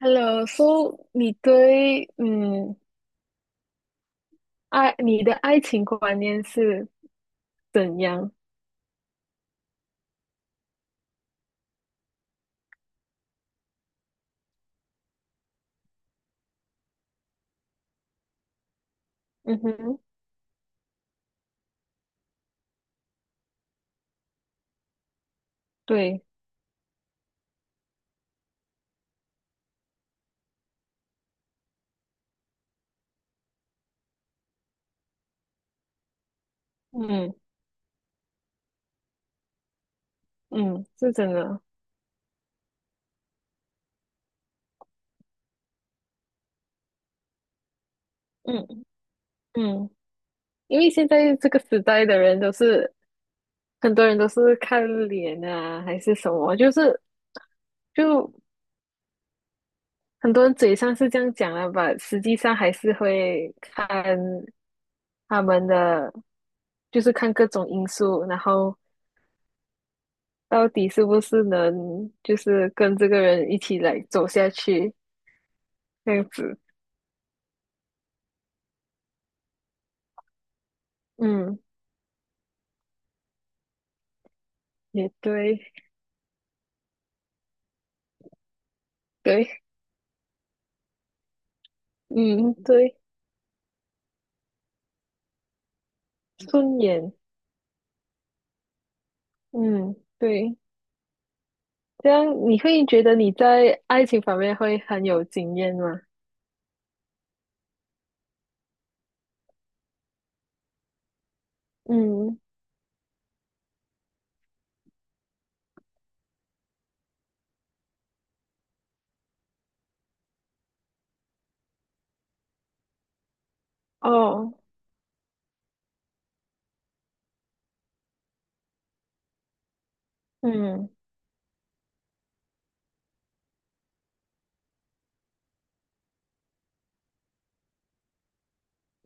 Hello，so 你对爱你的爱情观念是怎样？嗯哼，对，嗯嗯，是真的，嗯嗯，因为现在这个时代的人都是很多人都是看脸啊，还是什么，就是就很多人嘴上是这样讲了吧，实际上还是会看他们的就是看各种因素，然后到底是不是能就是跟这个人一起来走下去，这样子。嗯，也对，对，嗯，对，顺眼，嗯，对，这样你会觉得你在爱情方面会很有经验吗？嗯，哦，嗯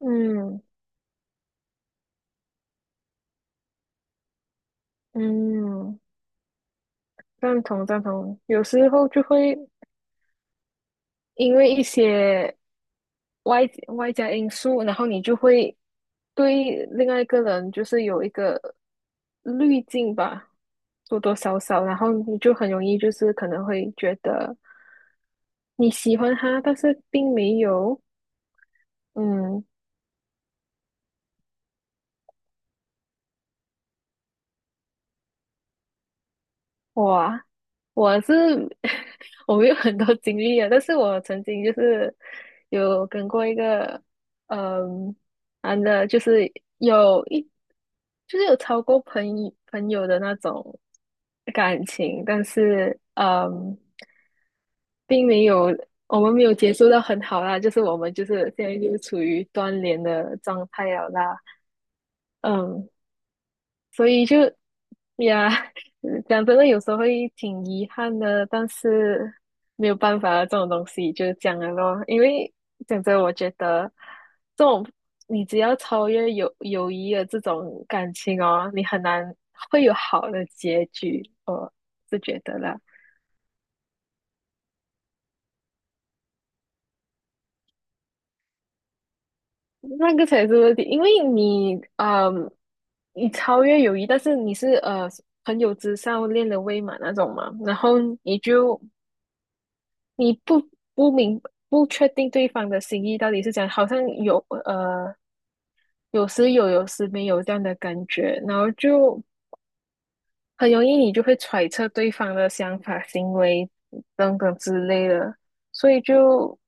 嗯嗯，赞同赞同。有时候就会因为一些外外加因素，然后你就会对另外一个人就是有一个滤镜吧，多多少少，然后你就很容易就是可能会觉得你喜欢他，但是并没有，嗯，哇，我是 我没有很多经历啊，但是我曾经就是有跟过一个嗯男的，就是有一就是有超过朋友的那种感情，但是并没有我们没有结束到很好啦，就是我们就是现在就是处于断联的状态了啦，嗯，所以就呀，讲真的，有时候会挺遗憾的，但是没有办法啊，这种东西就是这样的咯。因为讲真，我觉得这种你只要超越友谊的这种感情哦，你很难会有好的结局，我是觉得啦。那个才是问题，因为你，嗯，你超越友谊，但是你是朋友之上恋人未满那种嘛，然后你不明不确定对方的心意到底是怎样，好像呃有时没有这样的感觉，然后就很容易你就会揣测对方的想法、行为等等之类的，所以就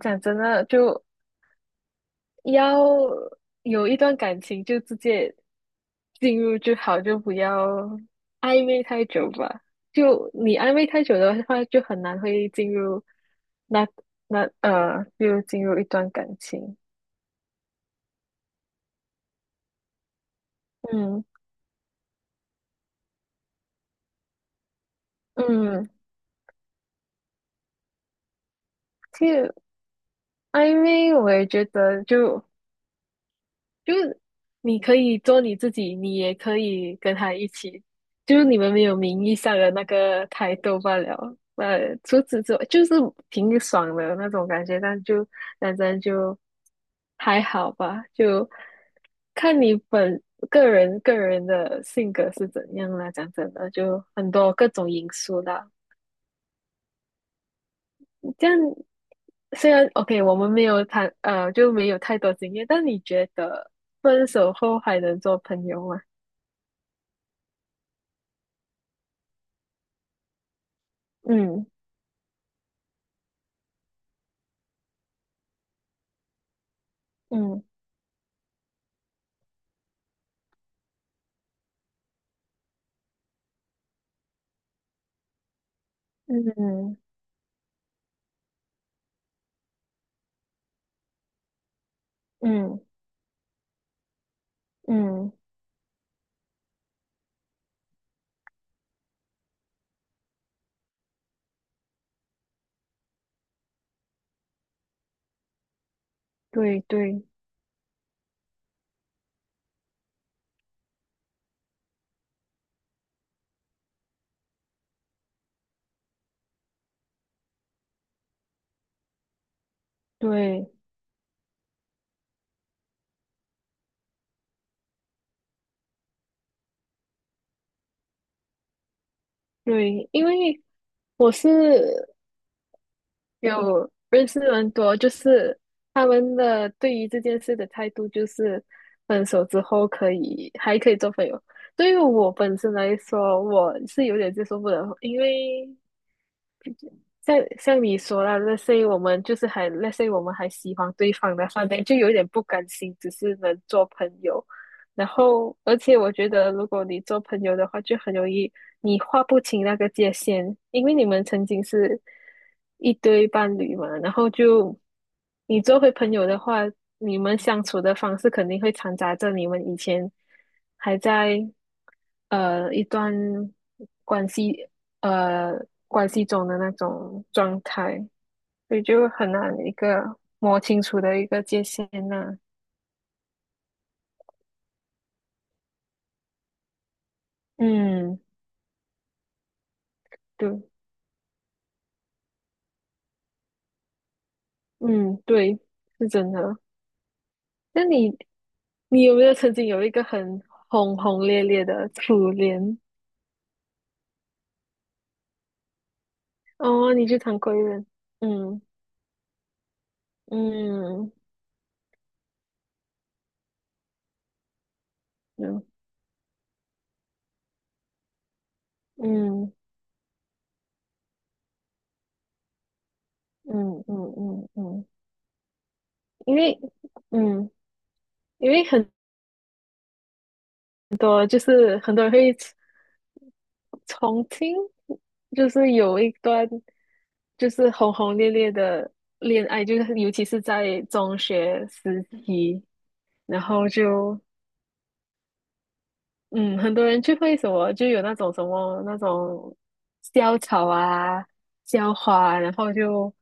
讲真的就要有一段感情就直接进入就好，就不要暧昧太久吧。就你暧昧太久的话，就很难会进入那一段感情。嗯嗯，其实暧昧我也觉得就是你可以做你自己，你也可以跟他一起，就是你们没有名义上的那个抬头罢了。呃，除此之外，就是挺爽的那种感觉，但就反正就还好吧，就看你个人的性格是怎样啦。讲真的，就很多各种因素啦。这样虽然 OK，我们没有谈就没有太多经验，但你觉得分手后还能做朋友吗？嗯嗯嗯嗯嗯，对对对对，因为我是有认识很多，就是他们的对于这件事的态度，就是分手之后可以还可以做朋友。对于我本身来说，我是有点接受不了，因为像你说啦，let's say 我们还喜欢对方的话，那就有点不甘心，只是能做朋友。然后，而且我觉得，如果你做朋友的话，就很容易你划不清那个界限，因为你们曾经是一对伴侣嘛。然后就你做回朋友的话，你们相处的方式肯定会掺杂着你们以前还在一段关系呃关系中的那种状态，所以就很难一个摸清楚的一个界限呐、嗯，对。嗯，对，是真的。那你有没有曾经有一个很轰轰烈烈的初恋？哦，你去当过人，嗯嗯嗯嗯嗯嗯嗯嗯，因为嗯，因为很很多人会重听，就是有一段就是轰轰烈烈的恋爱，就是尤其是在中学时期，然后就。嗯，很多人就会什么，就有那种什么那种校草啊、校花啊然后就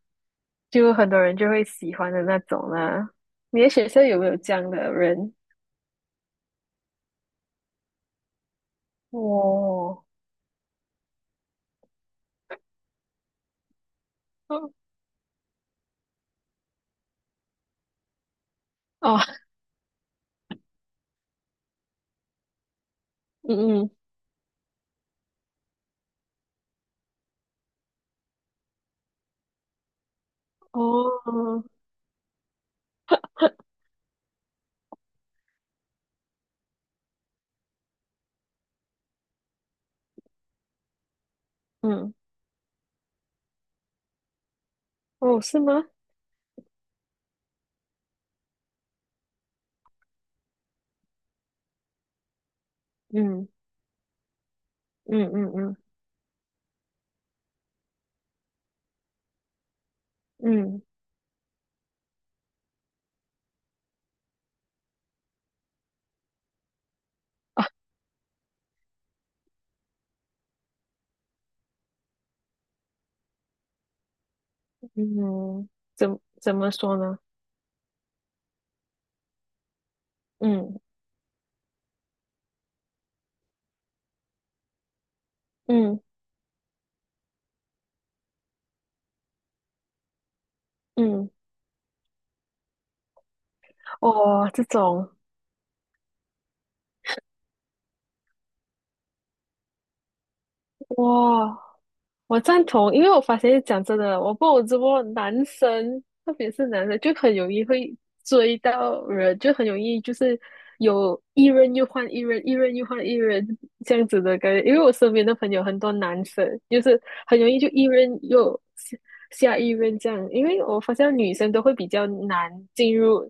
就很多人就会喜欢的那种啦。你的学校有没有这样的人？哦，哦，哦嗯嗯，哦，嗯，哦，是吗？嗯嗯嗯嗯嗯嗯，怎么说呢？嗯嗯嗯，哦，这种。哇，我赞同，因为我发现讲真的，我不我直播男生，特别是男生，就很容易会追到人，就很容易就是有一任又换一任，一任又换一任这样子的感觉。因为我身边的朋友很多男生，就是很容易就一任又下一任这样。因为我发现女生都会比较难进入，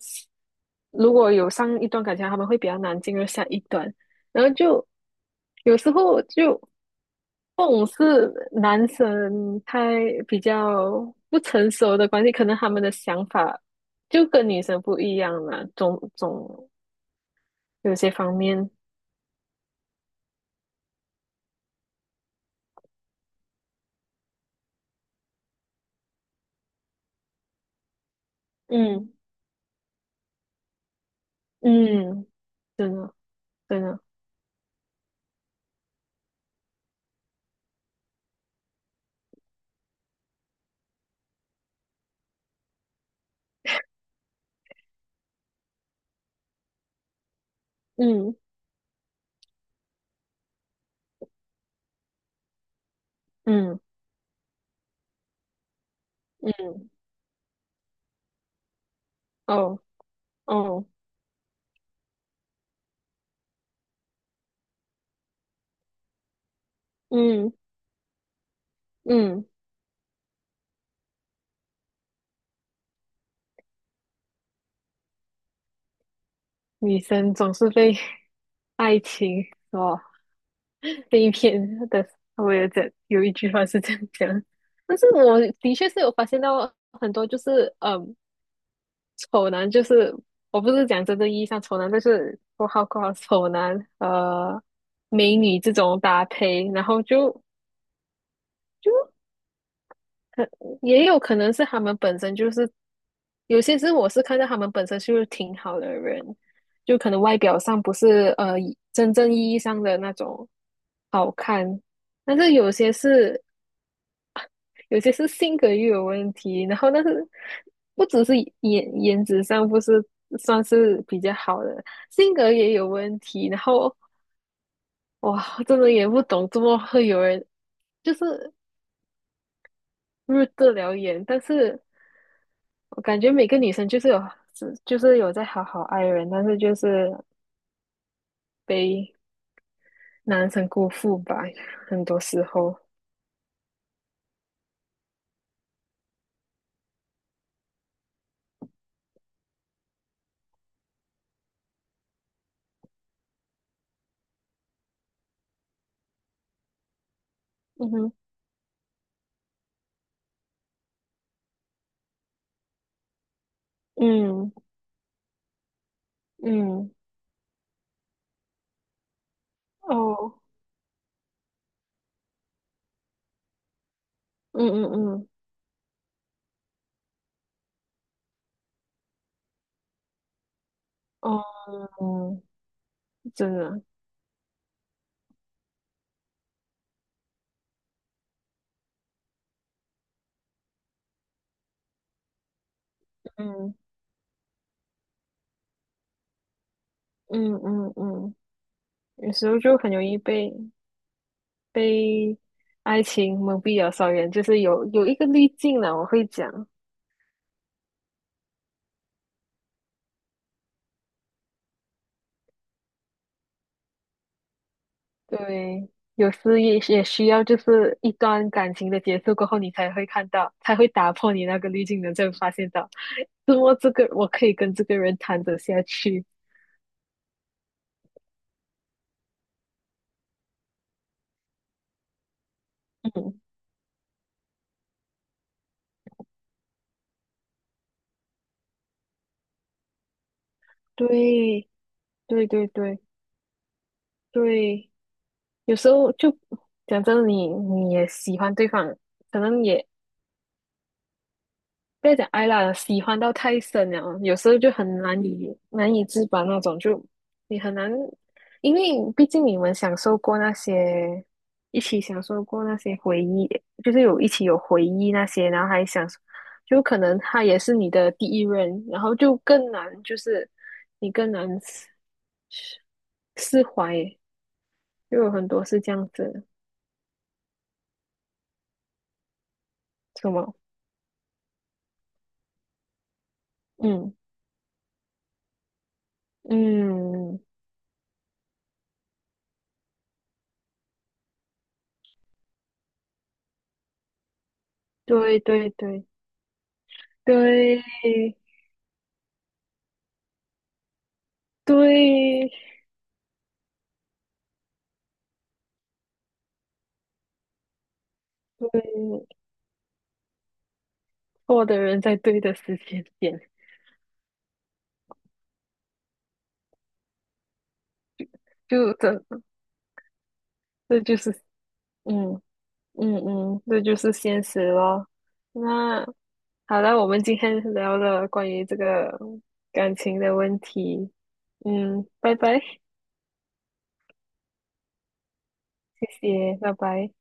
如果有上一段感情，他们会比较难进入下一段。然后就有时候就种是男生太比较不成熟的关系，可能他们的想法就跟女生不一样了，有些方面，嗯嗯，真的真的，嗯嗯嗯，哦哦，嗯嗯，女生总是被 爱情所被骗的，我也在有一句话是这样讲。但是我的确是有发现到很多，就是嗯，丑男就是我不是讲真正意义上丑男，就是括号括号丑男，呃，美女这种搭配，然后就就也有可能是他们本身就是有些是我是看到他们本身就是挺好的人，就可能外表上不是真正意义上的那种好看，但是有些是性格又有问题，然后但是不只是颜值上不是算是比较好的，性格也有问题，然后哇，真的也不懂怎么会有人就是入得了眼，但是我感觉每个女生就是有在好好爱人，但是就是被男生辜负吧，很多时候，嗯哼，嗯嗯，哦，嗯嗯嗯，哦，嗯，真的，嗯。嗯嗯嗯，有时候就很容易被爱情蒙蔽了双眼，就是有一个滤镜了，我会讲。对，有时也需要，就是一段感情的结束过后，你才会看到，才会打破你那个滤镜的，才会发现到，怎么这个我可以跟这个人谈得下去。嗯，对对对对对，有时候就讲真的你也喜欢对方，可能也不要讲爱啦，喜欢到太深了，有时候就很难以自拔那种，就你很难，因为毕竟你们享受过那些，一起享受过那些回忆，就是有一起有回忆那些，然后还想，就可能他也是你的第一任，然后就更难，就是你更难释怀，就有很多是这样子，什么，嗯嗯，对对对。对对，对，错的人在对的时间点，就这，这就是，嗯嗯嗯，这就是现实咯。那好了，我们今天聊了关于这个感情的问题，嗯，拜拜，谢谢，拜拜。